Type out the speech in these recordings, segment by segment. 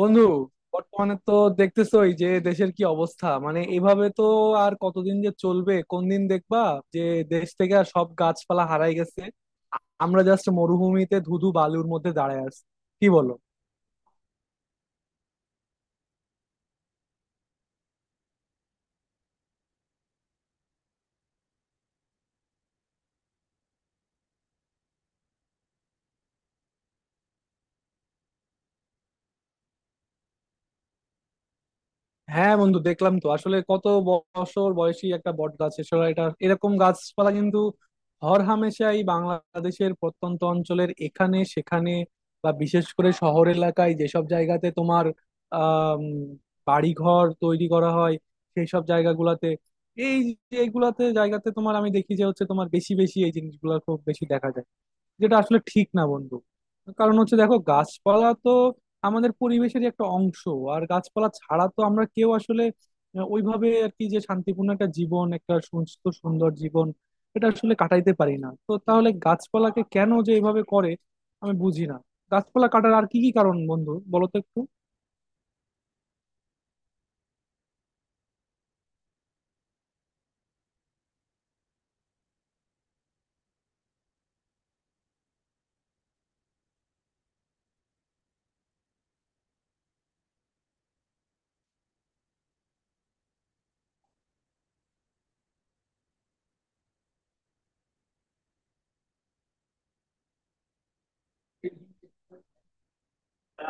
বন্ধু, বর্তমানে তো দেখতেছোই যে দেশের কি অবস্থা। মানে এভাবে তো আর কতদিন যে চলবে, কোন দিন দেখবা যে দেশ থেকে আর সব গাছপালা হারাই গেছে, আমরা জাস্ট মরুভূমিতে ধুধু বালুর মধ্যে দাঁড়ায় আছি। কি বলো? হ্যাঁ বন্ধু, দেখলাম তো। আসলে কত বছর বয়সী একটা বট গাছ। এছাড়া এটা এরকম গাছপালা কিন্তু হরহামেশাই বাংলাদেশের প্রত্যন্ত অঞ্চলের এখানে সেখানে, বা বিশেষ করে শহর এলাকায় যেসব জায়গাতে তোমার আহ বাড়িঘর তৈরি করা হয় সেই সব জায়গাগুলাতে, এই এইগুলাতে জায়গাতে তোমার আমি দেখি যে হচ্ছে তোমার বেশি বেশি এই জিনিসগুলো খুব বেশি দেখা যায়। যেটা আসলে ঠিক না বন্ধু। কারণ হচ্ছে দেখো, গাছপালা তো আমাদের পরিবেশের একটা অংশ, আর গাছপালা ছাড়া তো আমরা কেউ আসলে ওইভাবে আর কি, যে শান্তিপূর্ণ একটা জীবন, একটা সুস্থ সুন্দর জীবন এটা আসলে কাটাইতে পারি না। তো তাহলে গাছপালাকে কেন যে এইভাবে করে আমি বুঝি না। গাছপালা কাটার আর কি কি কারণ বন্ধু বলো তো?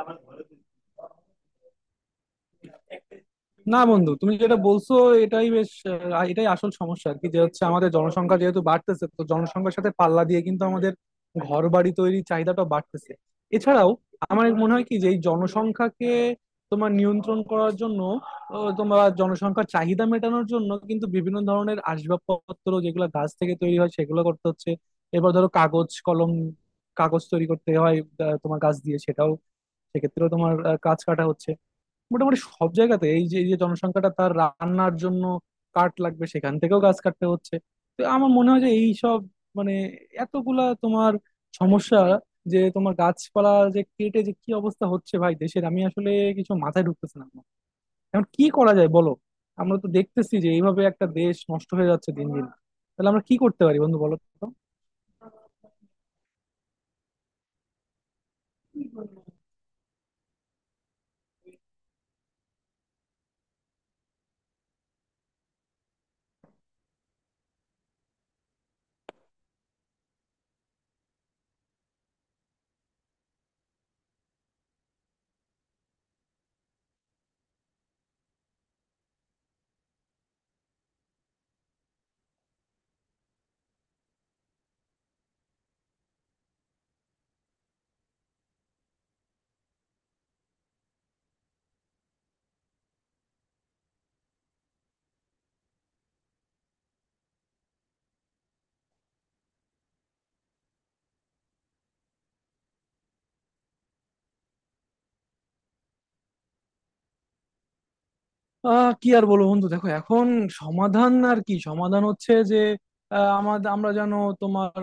একটু না বন্ধু, তুমি যেটা বলছো এটাই বেশ, এটাই আসল সমস্যা আর কি। যে হচ্ছে আমাদের জনসংখ্যা যেহেতু বাড়তেছে, তো জনসংখ্যার সাথে পাল্লা দিয়ে কিন্তু আমাদের ঘর বাড়ি তৈরির চাহিদাটা বাড়তেছে। এছাড়াও আমার মনে হয় কি, যে এই জনসংখ্যাকে তোমার নিয়ন্ত্রণ করার জন্য, তোমার জনসংখ্যার চাহিদা মেটানোর জন্য কিন্তু বিভিন্ন ধরনের আসবাবপত্র যেগুলো গাছ থেকে তৈরি হয় সেগুলো করতে হচ্ছে। এবার ধরো কাগজ কলম, কাগজ তৈরি করতে হয় তোমার গাছ দিয়ে। সেটাও সেক্ষেত্রেও তোমার গাছ কাটা হচ্ছে। মোটামুটি সব জায়গাতে এই যে জনসংখ্যাটা তার রান্নার জন্য কাঠ লাগবে, সেখান থেকেও গাছ কাটতে হচ্ছে। তো আমার মনে হয় যে এই সব, মানে এতগুলা তোমার সমস্যা, যে তোমার গাছপালা যে কেটে যে কি অবস্থা হচ্ছে ভাই দেশের, আমি আসলে কিছু মাথায় ঢুকতেছে না আমার। এখন কি করা যায় বলো? আমরা তো দেখতেছি যে এইভাবে একটা দেশ নষ্ট হয়ে যাচ্ছে দিন দিন। তাহলে আমরা কি করতে পারি বন্ধু বলো তো? কি আর বলবো বন্ধু, দেখো এখন সমাধান আর কি। সমাধান হচ্ছে যে আমাদের আমরা যেন তোমার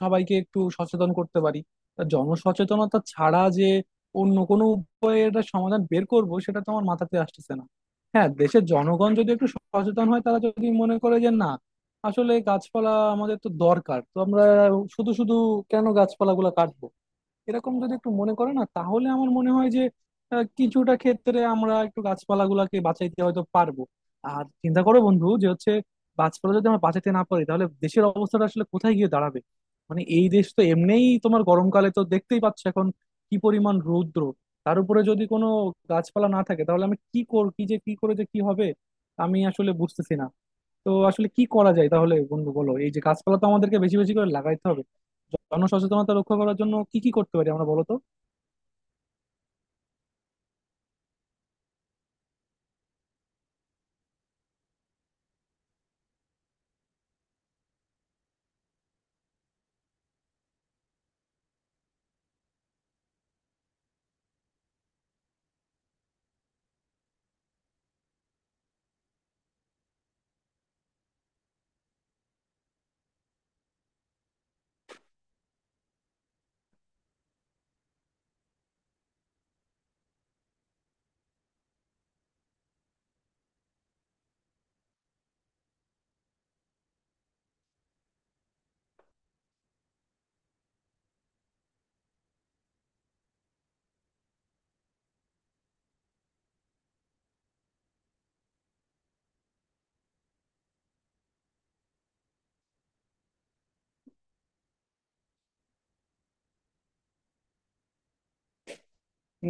সবাইকে একটু সচেতন করতে পারি। তা জনসচেতনতা ছাড়া যে অন্য কোনো উপায়ে এটা সমাধান বের করব সেটা তো আমার মাথাতে আসতেছে না। হ্যাঁ, দেশের জনগণ যদি একটু সচেতন হয়, তারা যদি মনে করে যে না আসলে গাছপালা আমাদের তো দরকার, তো আমরা শুধু শুধু কেন গাছপালাগুলো কাটবো, এরকম যদি একটু মনে করে না, তাহলে আমার মনে হয় যে কিছুটা ক্ষেত্রে আমরা একটু গাছপালাগুলোকে বাঁচাইতে হয়তো পারবো। আর চিন্তা করো বন্ধু, যে হচ্ছে গাছপালা যদি আমরা বাঁচাতে না পারি তাহলে দেশের অবস্থাটা আসলে কোথায় গিয়ে দাঁড়াবে। মানে এই দেশ তো এমনিই তোমার গরমকালে তো দেখতেই পাচ্ছ এখন কি পরিমাণ রৌদ্র। তার উপরে যদি কোনো গাছপালা না থাকে তাহলে আমি কি কর কি যে কি করে যে কি হবে আমি আসলে বুঝতেছি না। তো আসলে কি করা যায় তাহলে বন্ধু বলো? এই যে গাছপালা তো আমাদেরকে বেশি বেশি করে লাগাইতে হবে, জনসচেতনতা রক্ষা করার জন্য কি কি করতে পারি আমরা বলতো?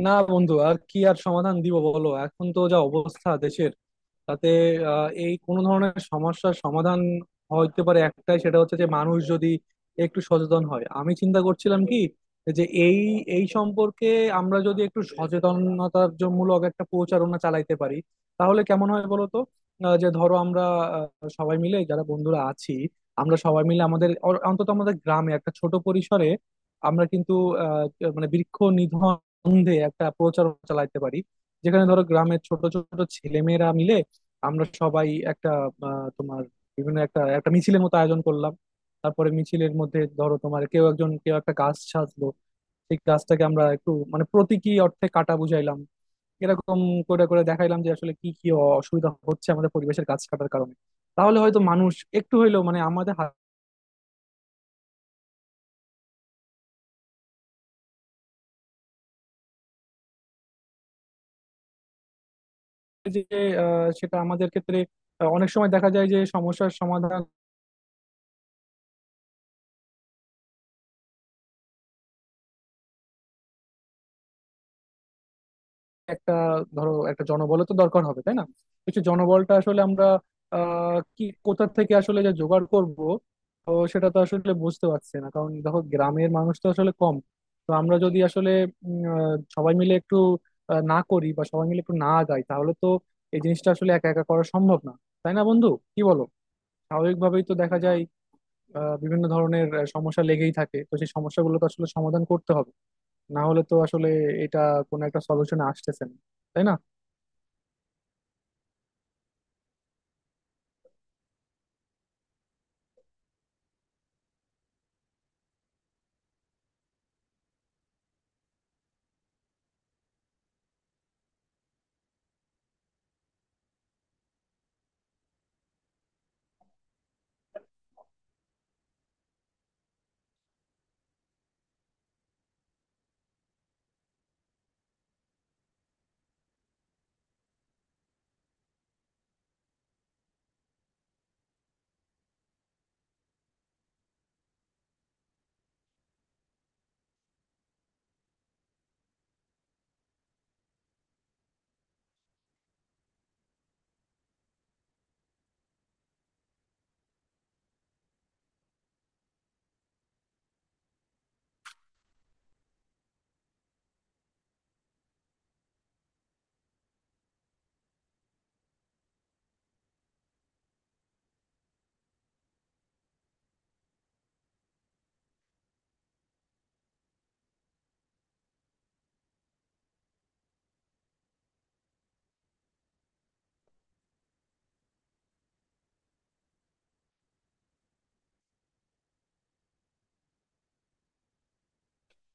না বন্ধু আর কি আর সমাধান দিব বলো, এখন তো যা অবস্থা দেশের, তাতে এই কোনো ধরনের সমস্যার সমাধান হইতে পারে একটাই, সেটা হচ্ছে যে মানুষ যদি একটু সচেতন হয়। আমি চিন্তা করছিলাম কি, যে এই এই সম্পর্কে আমরা যদি একটু সচেতনতার মূলক একটা প্রচারণা চালাইতে পারি তাহলে কেমন হয় বলতো? যে ধরো আমরা সবাই মিলে যারা বন্ধুরা আছি, আমরা সবাই মিলে আমাদের অন্তত আমাদের গ্রামে একটা ছোট পরিসরে আমরা কিন্তু আহ, মানে বৃক্ষ নিধন বন্ধে একটা প্রচারণা চালাইতে পারি, যেখানে ধরো গ্রামের ছোট ছোট ছেলেমেয়েরা আমরা সবাই একটা তোমার বিভিন্ন একটা একটা মিছিলের মতো আয়োজন করলাম। তারপরে মিছিলের মধ্যে ধরো তোমার কেউ একজন কেউ একটা গাছ সাজলো, সেই গাছটাকে আমরা একটু মানে প্রতীকী অর্থে কাটা বুঝাইলাম। এরকম করে করে দেখাইলাম যে আসলে কি কি অসুবিধা হচ্ছে আমাদের পরিবেশের গাছ কাটার কারণে, তাহলে হয়তো মানুষ একটু হইলেও মানে আমাদের হাতে যে সেটা আমাদের ক্ষেত্রে অনেক সময় দেখা যায় যে সমস্যার সমাধান একটা, ধরো একটা জনবল তো দরকার হবে তাই না। কিছু জনবলটা আসলে আমরা কি কোথা থেকে আসলে যে জোগাড় করব, তো সেটা তো আসলে বুঝতে পারছি না, কারণ দেখো গ্রামের মানুষ তো আসলে কম। তো আমরা যদি আসলে সবাই মিলে একটু না করি বা সবাই মিলে একটু না গাই, তাহলে তো এই জিনিসটা আসলে একা একা করা সম্ভব না, তাই না বন্ধু? কি বলো? স্বাভাবিকভাবেই তো দেখা যায় বিভিন্ন ধরনের সমস্যা লেগেই থাকে, তো সেই সমস্যাগুলো তো আসলে সমাধান করতে হবে, না হলে তো আসলে এটা কোনো একটা সলিউশনে আসতেছে না, তাই না?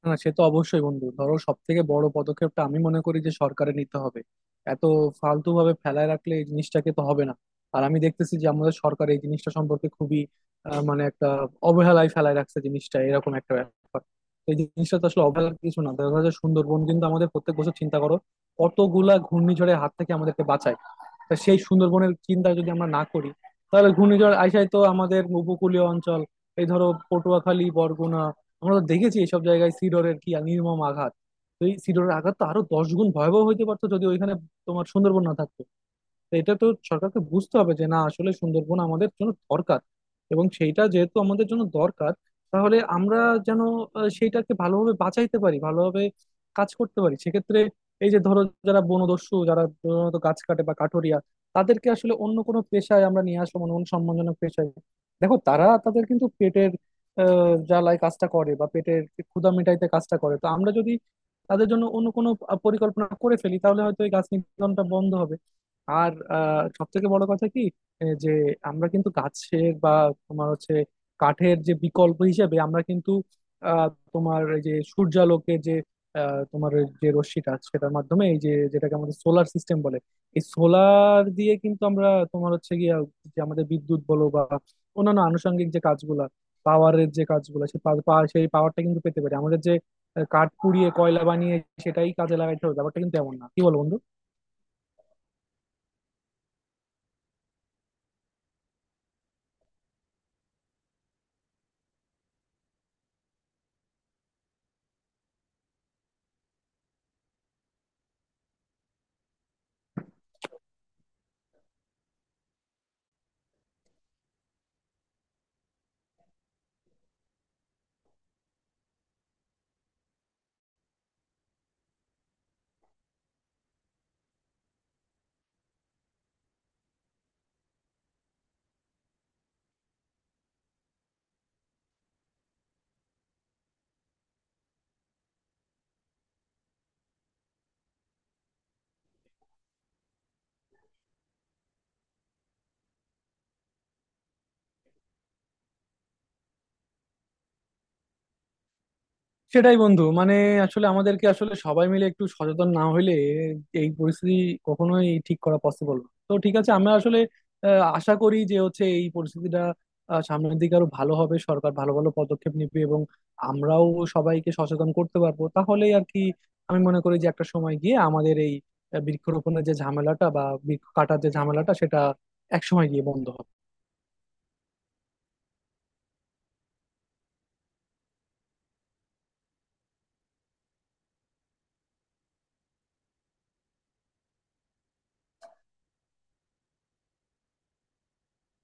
না সে তো অবশ্যই বন্ধু, ধরো সব থেকে বড় পদক্ষেপটা আমি মনে করি যে সরকারে নিতে হবে। এত ফালতু ভাবে ফেলায় রাখলে এই জিনিসটাকে তো হবে না। আর আমি দেখতেছি যে আমাদের সরকার এই জিনিসটা সম্পর্কে খুবই মানে একটা অবহেলায় ফেলায় রাখছে জিনিসটা, এরকম একটা ব্যাপার। তো এই জিনিসটা তো আসলে অবহেলার কিছু না, দেখা যাচ্ছে সুন্দরবন কিন্তু আমাদের প্রত্যেক বছর চিন্তা করো কতগুলা ঘূর্ণিঝড়ের হাত থেকে আমাদেরকে বাঁচায়। তা সেই সুন্দরবনের চিন্তা যদি আমরা না করি, তাহলে ঘূর্ণিঝড় আইসায় তো আমাদের উপকূলীয় অঞ্চল, এই ধরো পটুয়াখালী, বরগুনা, আমরা তো দেখেছি এইসব জায়গায় সিডরের কি আর নির্মম আঘাত। তো এই সিডরের আঘাত তো আরো দশ গুণ ভয়াবহ হইতে পারতো যদি ওইখানে তোমার সুন্দরবন না থাকতো। তো এটা তো সরকারকে বুঝতে হবে যে না, আসলে সুন্দরবন আমাদের জন্য দরকার, এবং সেইটা যেহেতু আমাদের জন্য দরকার, তাহলে আমরা যেন সেইটাকে ভালোভাবে বাঁচাইতে পারি, ভালোভাবে কাজ করতে পারি। সেক্ষেত্রে এই যে ধরো যারা বনদস্যু, যারা প্রধানত গাছ কাটে বা কাঠোরিয়া, তাদেরকে আসলে অন্য কোনো পেশায় আমরা নিয়ে আসবো, মানে অন্য সম্মানজনক পেশায়। দেখো তারা তাদের কিন্তু পেটের জ্বালায় কাজটা করে, বা পেটের ক্ষুধা মেটাইতে কাজটা করে। তো আমরা যদি তাদের জন্য অন্য কোনো পরিকল্পনা করে ফেলি তাহলে হয়তো এই গাছ নিধনটা বন্ধ হবে। আর সব থেকে বড় কথা কি, যে আমরা কিন্তু গাছের বা তোমার হচ্ছে কাঠের যে বিকল্প হিসেবে আমরা কিন্তু আহ, তোমার এই যে সূর্যালোকের যে তোমার ওই যে রশ্মিটা, সেটার মাধ্যমে এই যে যেটাকে আমাদের সোলার সিস্টেম বলে, এই সোলার দিয়ে কিন্তু আমরা তোমার হচ্ছে গিয়ে যে আমাদের বিদ্যুৎ বলো বা অন্যান্য আনুষঙ্গিক যে কাজগুলা, পাওয়ারের যে কাজগুলো, সেই পা- পা- সেই পাওয়ারটা কিন্তু পেতে পারি। আমাদের যে কাঠ পুড়িয়ে কয়লা বানিয়ে সেটাই কাজে লাগাইতে হবে ব্যাপারটা কিন্তু এমন না। কি বল বন্ধু? সেটাই বন্ধু, মানে আসলে আমাদেরকে আসলে সবাই মিলে একটু সচেতন না হইলে এই পরিস্থিতি কখনোই ঠিক করা পসিবল না। তো ঠিক আছে, আমরা আসলে আশা করি যে হচ্ছে এই পরিস্থিতিটা সামনের দিকে আরো ভালো হবে, সরকার ভালো ভালো পদক্ষেপ নেবে, এবং আমরাও সবাইকে সচেতন করতে পারবো, তাহলেই আর কি। আমি মনে করি যে একটা সময় গিয়ে আমাদের এই বৃক্ষরোপণের যে ঝামেলাটা বা বৃক্ষ কাটার যে ঝামেলাটা সেটা এক সময় গিয়ে বন্ধ হবে।